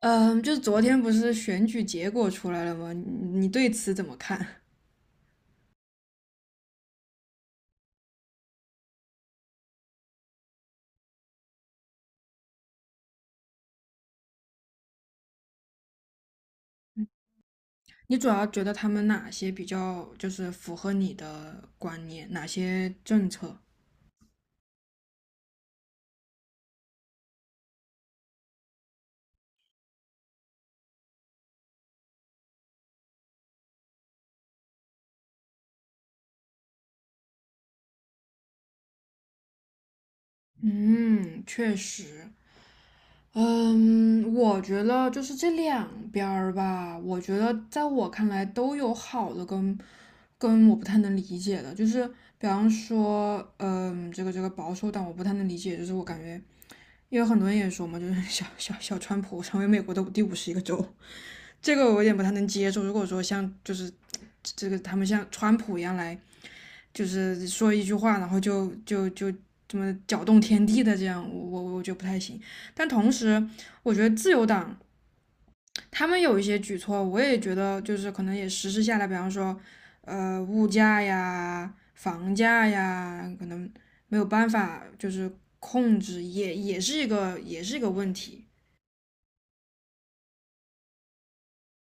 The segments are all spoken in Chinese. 嗯，就是昨天不是选举结果出来了吗？你对此怎么看？你主要觉得他们哪些比较就是符合你的观念，哪些政策？嗯，确实。嗯，我觉得就是这两边儿吧，我觉得在我看来都有好的跟我不太能理解的，就是比方说，这个保守党我不太能理解，就是我感觉，因为很多人也说嘛，就是小川普成为美国的第51个州，这个我有点不太能接受。如果说像就是这个他们像川普一样来，就是说一句话，然后就这么搅动天地的这样，我觉得不太行。但同时，我觉得自由党他们有一些举措，我也觉得就是可能也实施下来，比方说物价呀、房价呀，可能没有办法就是控制，也是一个问题。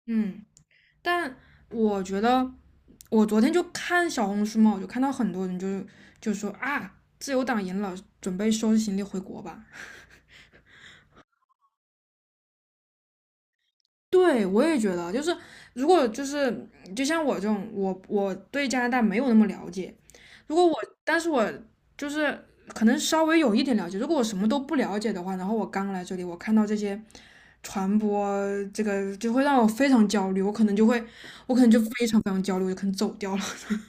嗯，但我觉得。我昨天就看小红书嘛，我就看到很多人就说啊，自由党赢了，准备收拾行李回国吧。对，我也觉得，就是如果就是就像我这种，我对加拿大没有那么了解，如果我，但是我就是可能稍微有一点了解，如果我什么都不了解的话，然后我刚来这里，我看到这些传播，这个就会让我非常焦虑，我可能就非常非常焦虑，我就可能走掉了。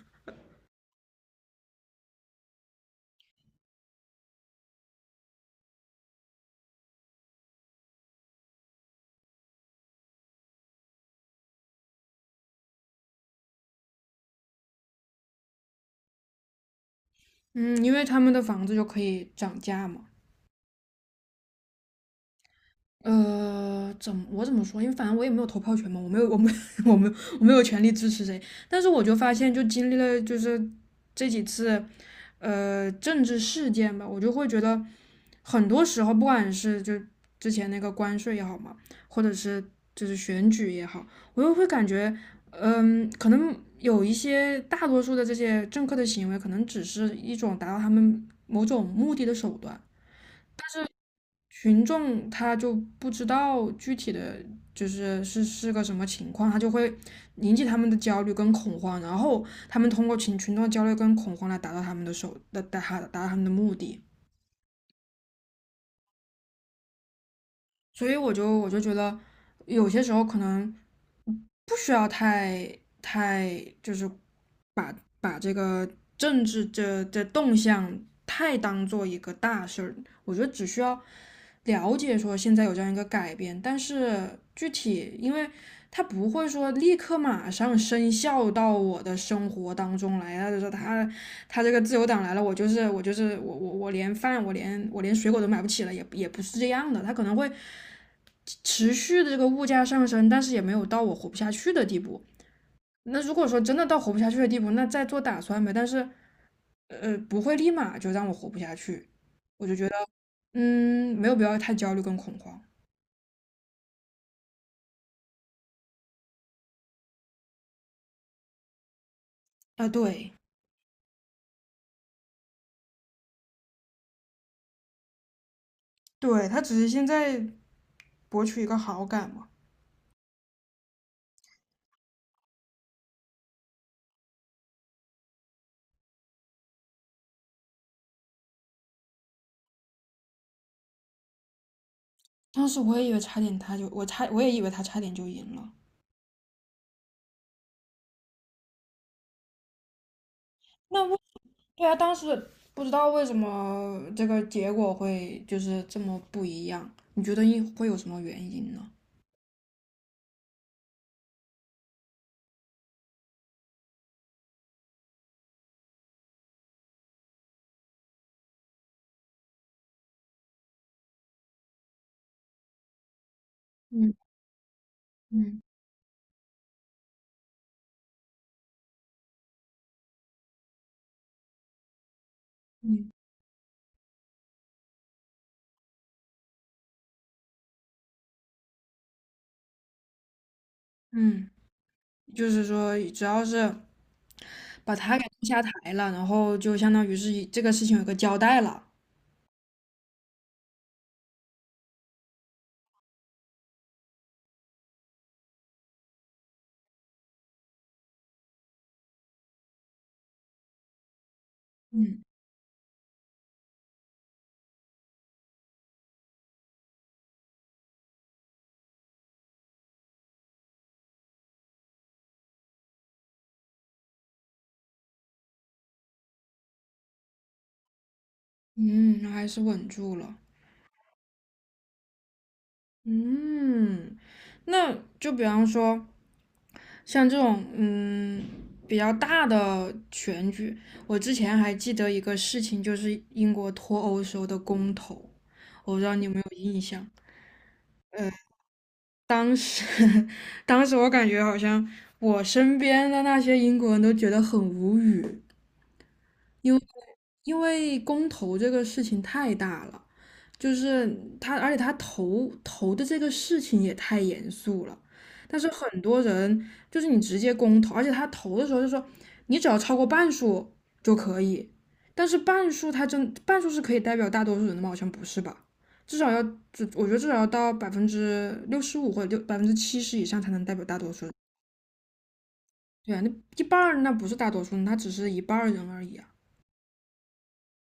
嗯，因为他们的房子就可以涨价嘛。怎么说？因为反正我也没有投票权嘛，我没有，我没，我没，我没有权利支持谁。但是我就发现，就经历了就是这几次政治事件吧，我就会觉得很多时候，不管是就之前那个关税也好嘛，或者是就是选举也好，我又会感觉，可能有一些大多数的这些政客的行为，可能只是一种达到他们某种目的的手段。群众他就不知道具体的就是是个什么情况，他就会引起他们的焦虑跟恐慌，然后他们通过群众的焦虑跟恐慌来达到他们的手达达达到他们的目的。所以我就觉得有些时候可能不需要太就是把这个政治动向太当做一个大事儿。我觉得只需要了解说现在有这样一个改变，但是具体因为他不会说立刻马上生效到我的生活当中来啊，就是他这个自由党来了，我就是我就是我我我连饭我连我连水果都买不起了，也不是这样的，他可能会持续的这个物价上升，但是也没有到我活不下去的地步。那如果说真的到活不下去的地步，那再做打算呗。但是不会立马就让我活不下去，我就觉得，没有必要太焦虑跟恐慌啊。对，对，他只是现在博取一个好感嘛。当时我也以为他差点就赢了。那为对啊。当时不知道为什么这个结果会就是这么不一样，你觉得会有什么原因呢？嗯嗯嗯嗯。就是说只要是把他给弄下台了，然后就相当于是这个事情有个交代了。嗯。嗯，还是稳住了。嗯。那就比方说像这种比较大的选举，我之前还记得一个事情，就是英国脱欧时候的公投，我不知道你有没有印象。呃，当时 当时我感觉好像我身边的那些英国人都觉得很无语，因为因为公投这个事情太大了。就是他，而且他投的这个事情也太严肃了。但是很多人就是你直接公投，而且他投的时候就说你只要超过半数就可以，但是半数他真半数是可以代表大多数人的吗？好像不是吧？至少要，至我觉得至少要到65%或者百分之七十以上才能代表大多数人。对啊，那一半儿那不是大多数人，他只是一半儿人而已啊。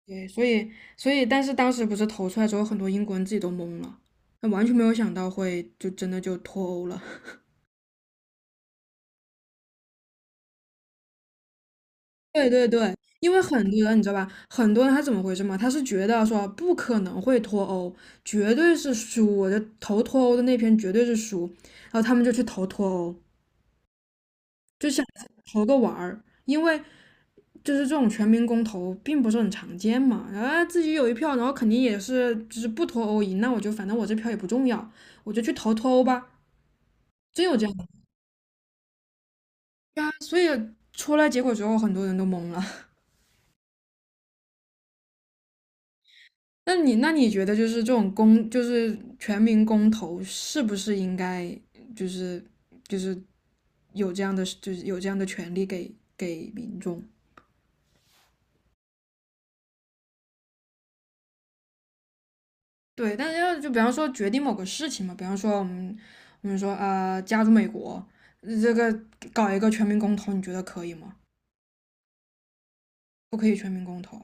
对，所以，但是当时不是投出来之后，很多英国人自己都懵了，那完全没有想到会就真的就脱欧了。对对对。因为很多人你知道吧，很多人他怎么回事嘛？他是觉得说不可能会脱欧，绝对是输，我就投脱欧的那篇绝对是输，然后他们就去投脱欧，就想投个玩儿，因为就是这种全民公投并不是很常见嘛，然后自己有一票，然后肯定也是就是不脱欧赢，那我就反正我这票也不重要，我就去投脱欧吧。真有这样的。对啊，出来结果之后，很多人都懵了。那你觉得就是这种公，就是全民公投，是不是应该就是就是有这样的权利给民众？对，但是要就比方说决定某个事情嘛，比方说我们说啊、加入美国，这个搞一个全民公投，你觉得可以吗？不可以全民公投，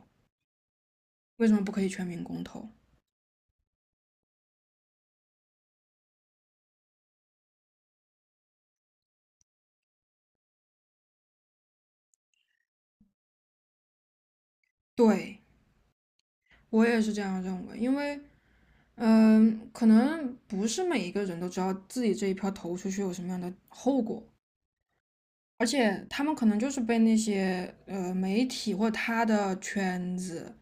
为什么不可以全民公投？对，我也是这样认为，因为可能不是每一个人都知道自己这一票投出去有什么样的后果，而且他们可能就是被那些媒体或他的圈子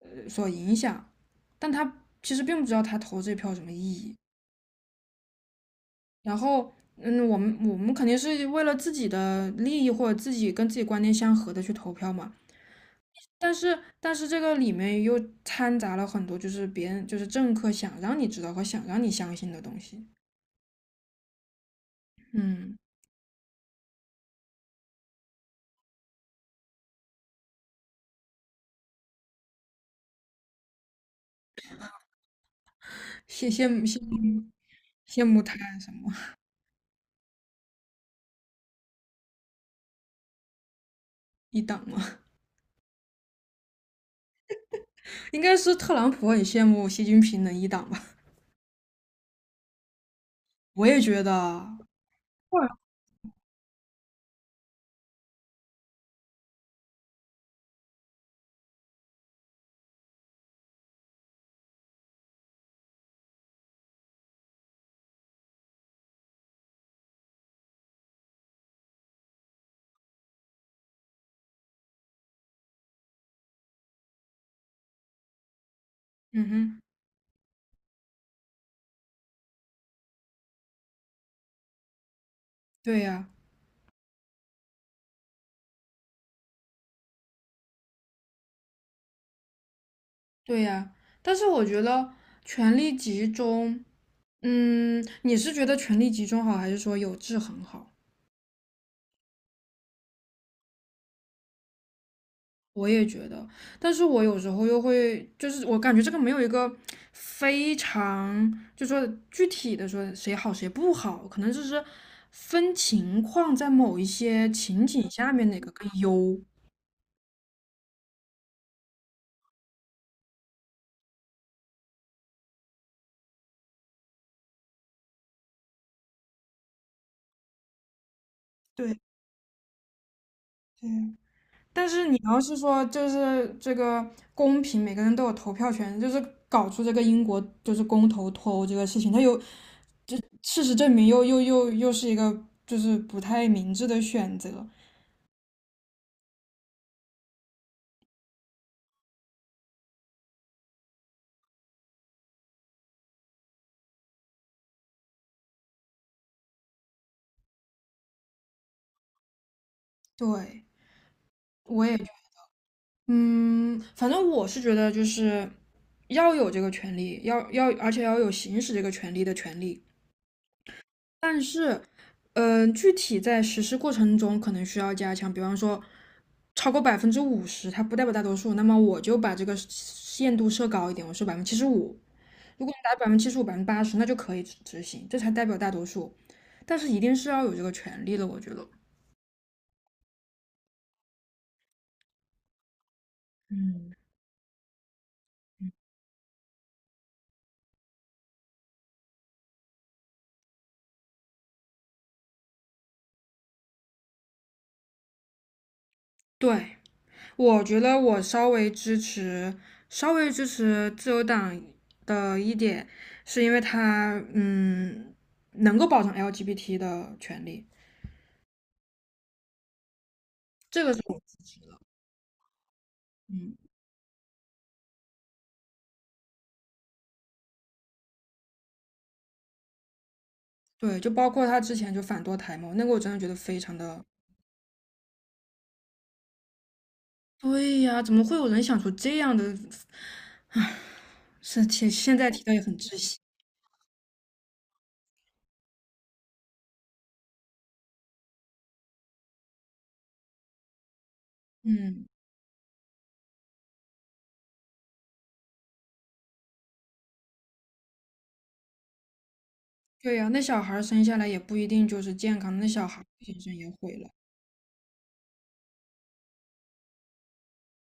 所影响，但他其实并不知道他投这票有什么意义。然后，我们肯定是为了自己的利益或者自己跟自己观念相合的去投票嘛。但是，这个里面又掺杂了很多就是别人就是政客想让你知道和想让你相信的东西。嗯。羡羡慕羡慕羡慕他什么一党吗？应该是特朗普很羡慕习近平能一党吧？我也觉得，或者嗯哼，对呀，对呀。但是我觉得权力集中，你是觉得权力集中好，还是说有制衡好？我也觉得，但是我有时候又会，就是我感觉这个没有一个非常，就说具体的说谁好谁不好，可能就是分情况，在某一些情景下面哪个更优。对对，但是你要是说就是这个公平，每个人都有投票权，就是搞出这个英国就是公投脱欧这个事情，它有这事实证明又是一个就是不太明智的选择。对，我也。嗯，反正我是觉得就是要有这个权利，要，而且要有行使这个权利的权利。但是，具体在实施过程中可能需要加强，比方说超过50%，它不代表大多数，那么我就把这个限度设高一点，我设百分之七十五。如果你达百分之七十五、80%，那就可以执行，这才代表大多数。但是一定是要有这个权利的，我觉得。对，我觉得我稍微支持，稍微支持自由党的一点，是因为他能够保障 LGBT 的权利，这个是我支持的。嗯，对，就包括他之前就反堕胎嘛，那个我真的觉得非常的，对呀，怎么会有人想出这样的？唉，是现在提到也很窒息。嗯，对呀，那小孩儿生下来也不一定就是健康的那小孩儿精神也毁了。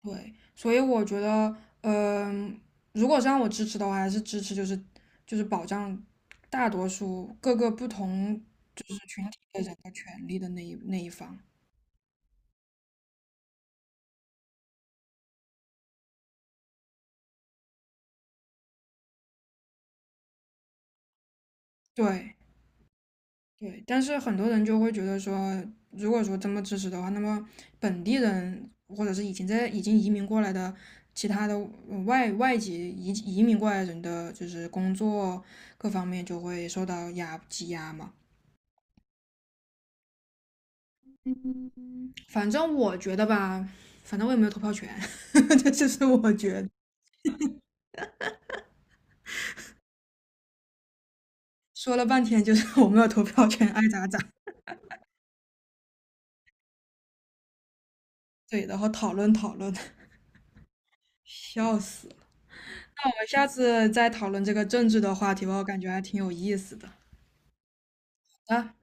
对，所以我觉得，嗯、如果是让我支持的话，还是支持就是保障大多数各个不同的人的权利的那一方。对对，但是很多人就会觉得说，如果说这么支持的话，那么本地人或者是已经移民过来的其他的外籍移民过来人的，就是工作各方面就会受到挤压嘛。反正我觉得吧，反正我也没有投票权，这就是我觉得。说了半天就是我没有投票权，爱咋咋。对，然后讨论讨论，笑死！我们下次再讨论这个政治的话题吧，我感觉还挺有意思的。好的，